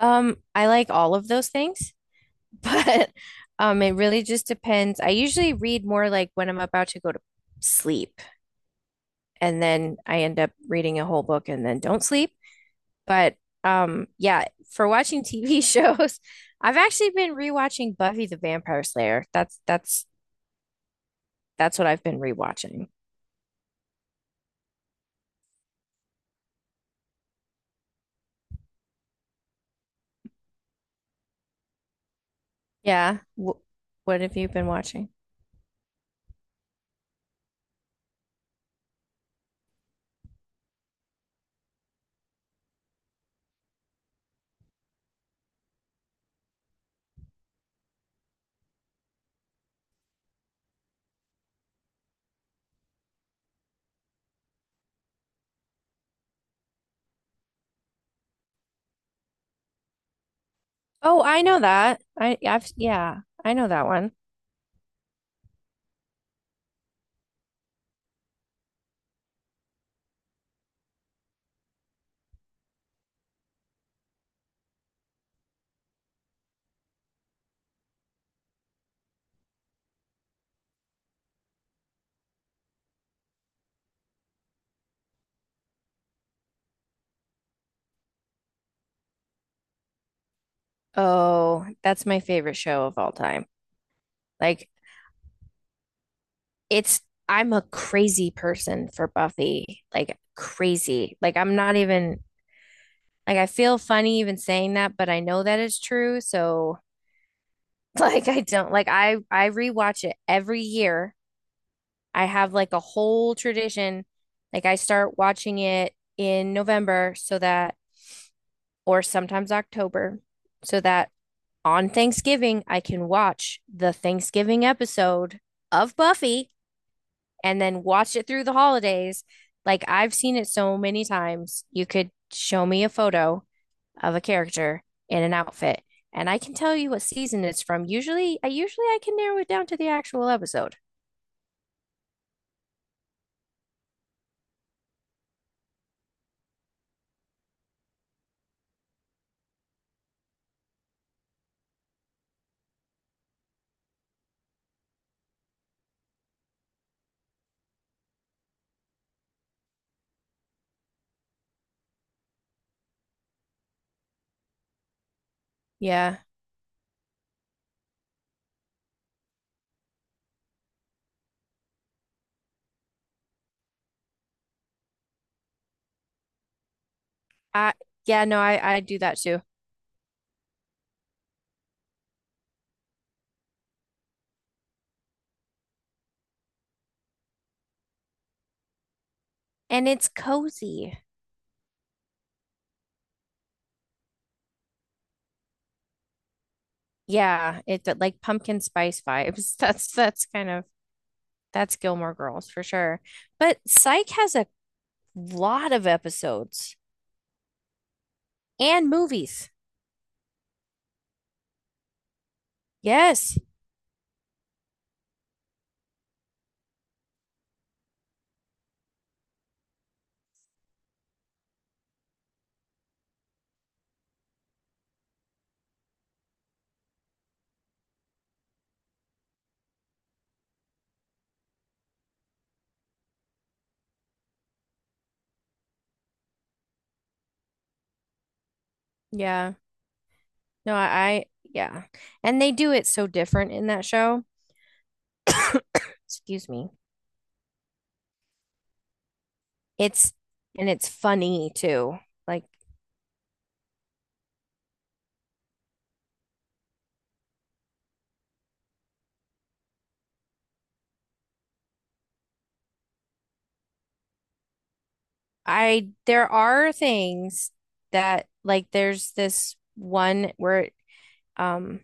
I like all of those things, but it really just depends. I usually read more like when I'm about to go to sleep, and then I end up reading a whole book and then don't sleep. But yeah, for watching TV shows, I've actually been rewatching Buffy the Vampire Slayer. That's what I've been rewatching. Yeah. W What have you been watching? Oh, I know that. I've yeah, I know that one. Oh, that's my favorite show of all time. Like it's I'm a crazy person for Buffy. Like crazy. Like I'm not even like I feel funny even saying that, but I know that it's true. So like I don't like I rewatch it every year. I have like a whole tradition. Like I start watching it in November, so that or sometimes October so that on Thanksgiving I can watch the Thanksgiving episode of Buffy, and then watch it through the holidays. Like I've seen it so many times. You could show me a photo of a character in an outfit, and I can tell you what season it's from. I usually I can narrow it down to the actual episode. Yeah. I Yeah, no, I do that too. And it's cozy. Yeah, it but like pumpkin spice vibes. That's kind of that's Gilmore Girls for sure. But Psych has a lot of episodes and movies. Yes. Yeah. No, I, Yeah. And they do it so different in that show. Excuse me. It's, and it's funny too. Like, there are things that, like, there's this one where, um,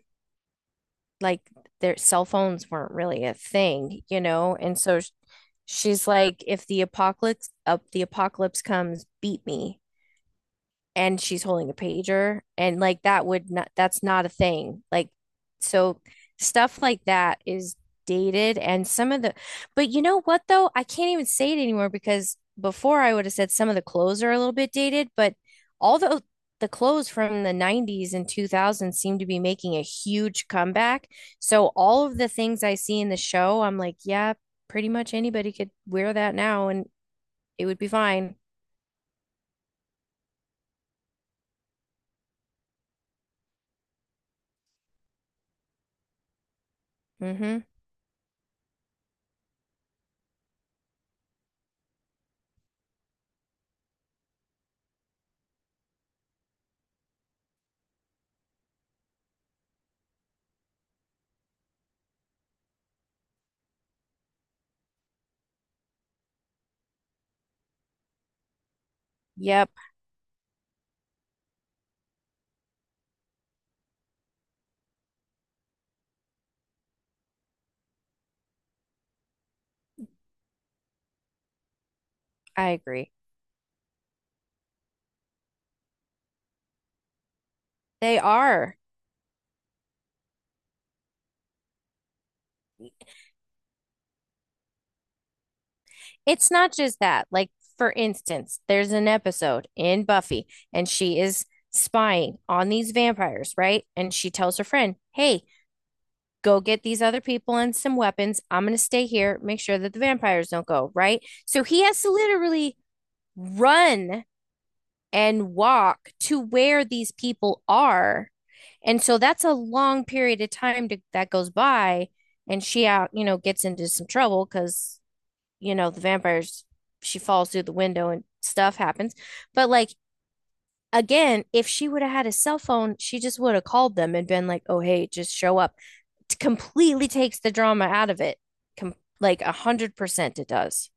like, their cell phones weren't really a thing, you know? And so she's like, if the apocalypse, up the apocalypse comes, beat me. And she's holding a pager, and like that would not that's not a thing. Like so stuff like that is dated, and some of the but you know what though, I can't even say it anymore, because before I would have said some of the clothes are a little bit dated, but all the clothes from the 90s and 2000s seem to be making a huge comeback. So all of the things I see in the show, I'm like, yeah, pretty much anybody could wear that now, and it would be fine. Mhm. Yep. I agree. They are. It's not just that. Like, for instance, there's an episode in Buffy, and she is spying on these vampires, right? And she tells her friend, "Hey, go get these other people and some weapons. I'm going to stay here, make sure that the vampires don't go," right? So he has to literally run and walk to where these people are. And so that's a long period of that goes by. And you know, gets into some trouble because you know, the vampires, she falls through the window and stuff happens. But like again, if she would have had a cell phone, she just would have called them and been like, "Oh, hey, just show up." It completely takes the drama out of it. Like 100%, it does.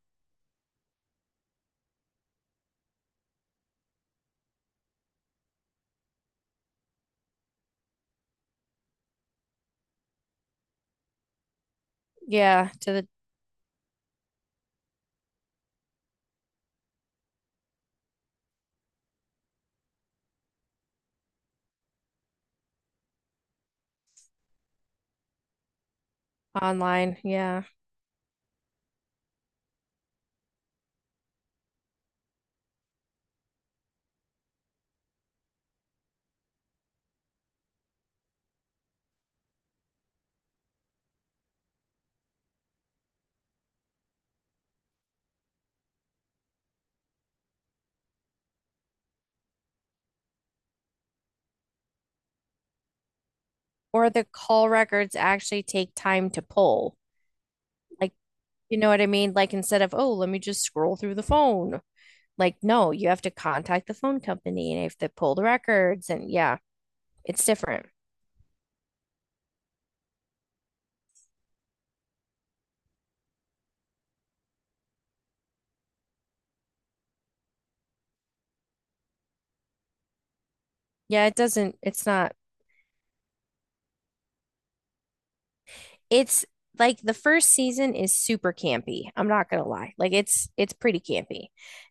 Yeah, to the online. Yeah, or the call records actually take time to pull. Like, you know what I mean? Like instead of, "Oh, let me just scroll through the phone." Like, no, you have to contact the phone company and you have to pull the records, and yeah, it's different. Yeah, it doesn't, it's not, it's like the first season is super campy. I'm not gonna lie. Like it's pretty campy.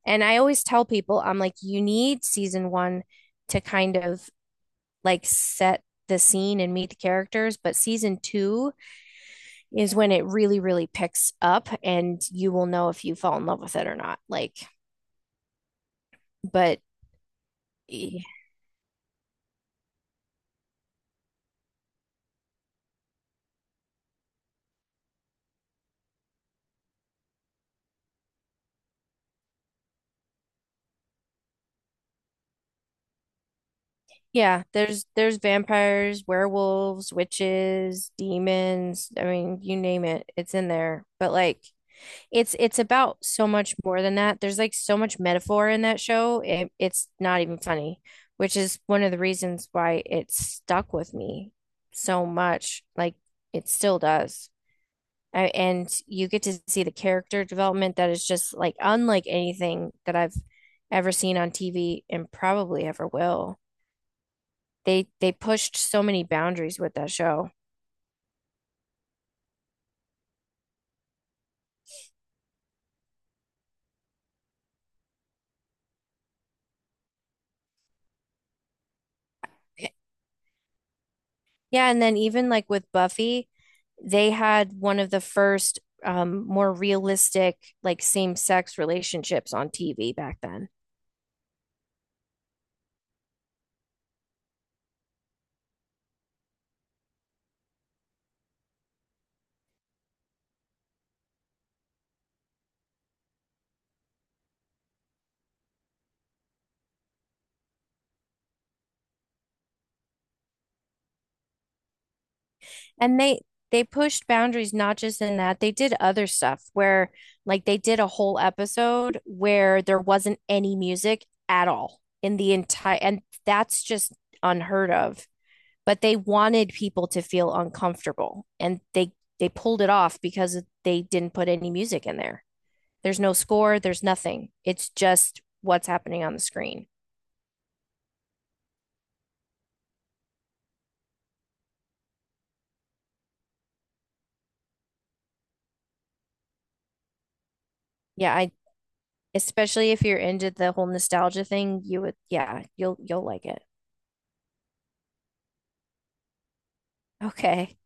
And I always tell people, I'm like, you need season one to kind of like set the scene and meet the characters, but season two is when it really, really picks up, and you will know if you fall in love with it or not. But y- yeah, there's vampires, werewolves, witches, demons. I mean, you name it, it's in there. But like it's about so much more than that. There's like so much metaphor in that show. It's not even funny, which is one of the reasons why it stuck with me so much. Like it still does. And you get to see the character development that is just like unlike anything that I've ever seen on TV, and probably ever will. They pushed so many boundaries with that show. Yeah, and then even like with Buffy, they had one of the first more realistic like same-sex relationships on TV back then. And they pushed boundaries not just in that, they did other stuff where like they did a whole episode where there wasn't any music at all in the entire, and that's just unheard of. But they wanted people to feel uncomfortable, and they pulled it off because they didn't put any music in there. There's no score, there's nothing. It's just what's happening on the screen. Yeah, I especially if you're into the whole nostalgia thing, you would yeah, you'll like it. Okay.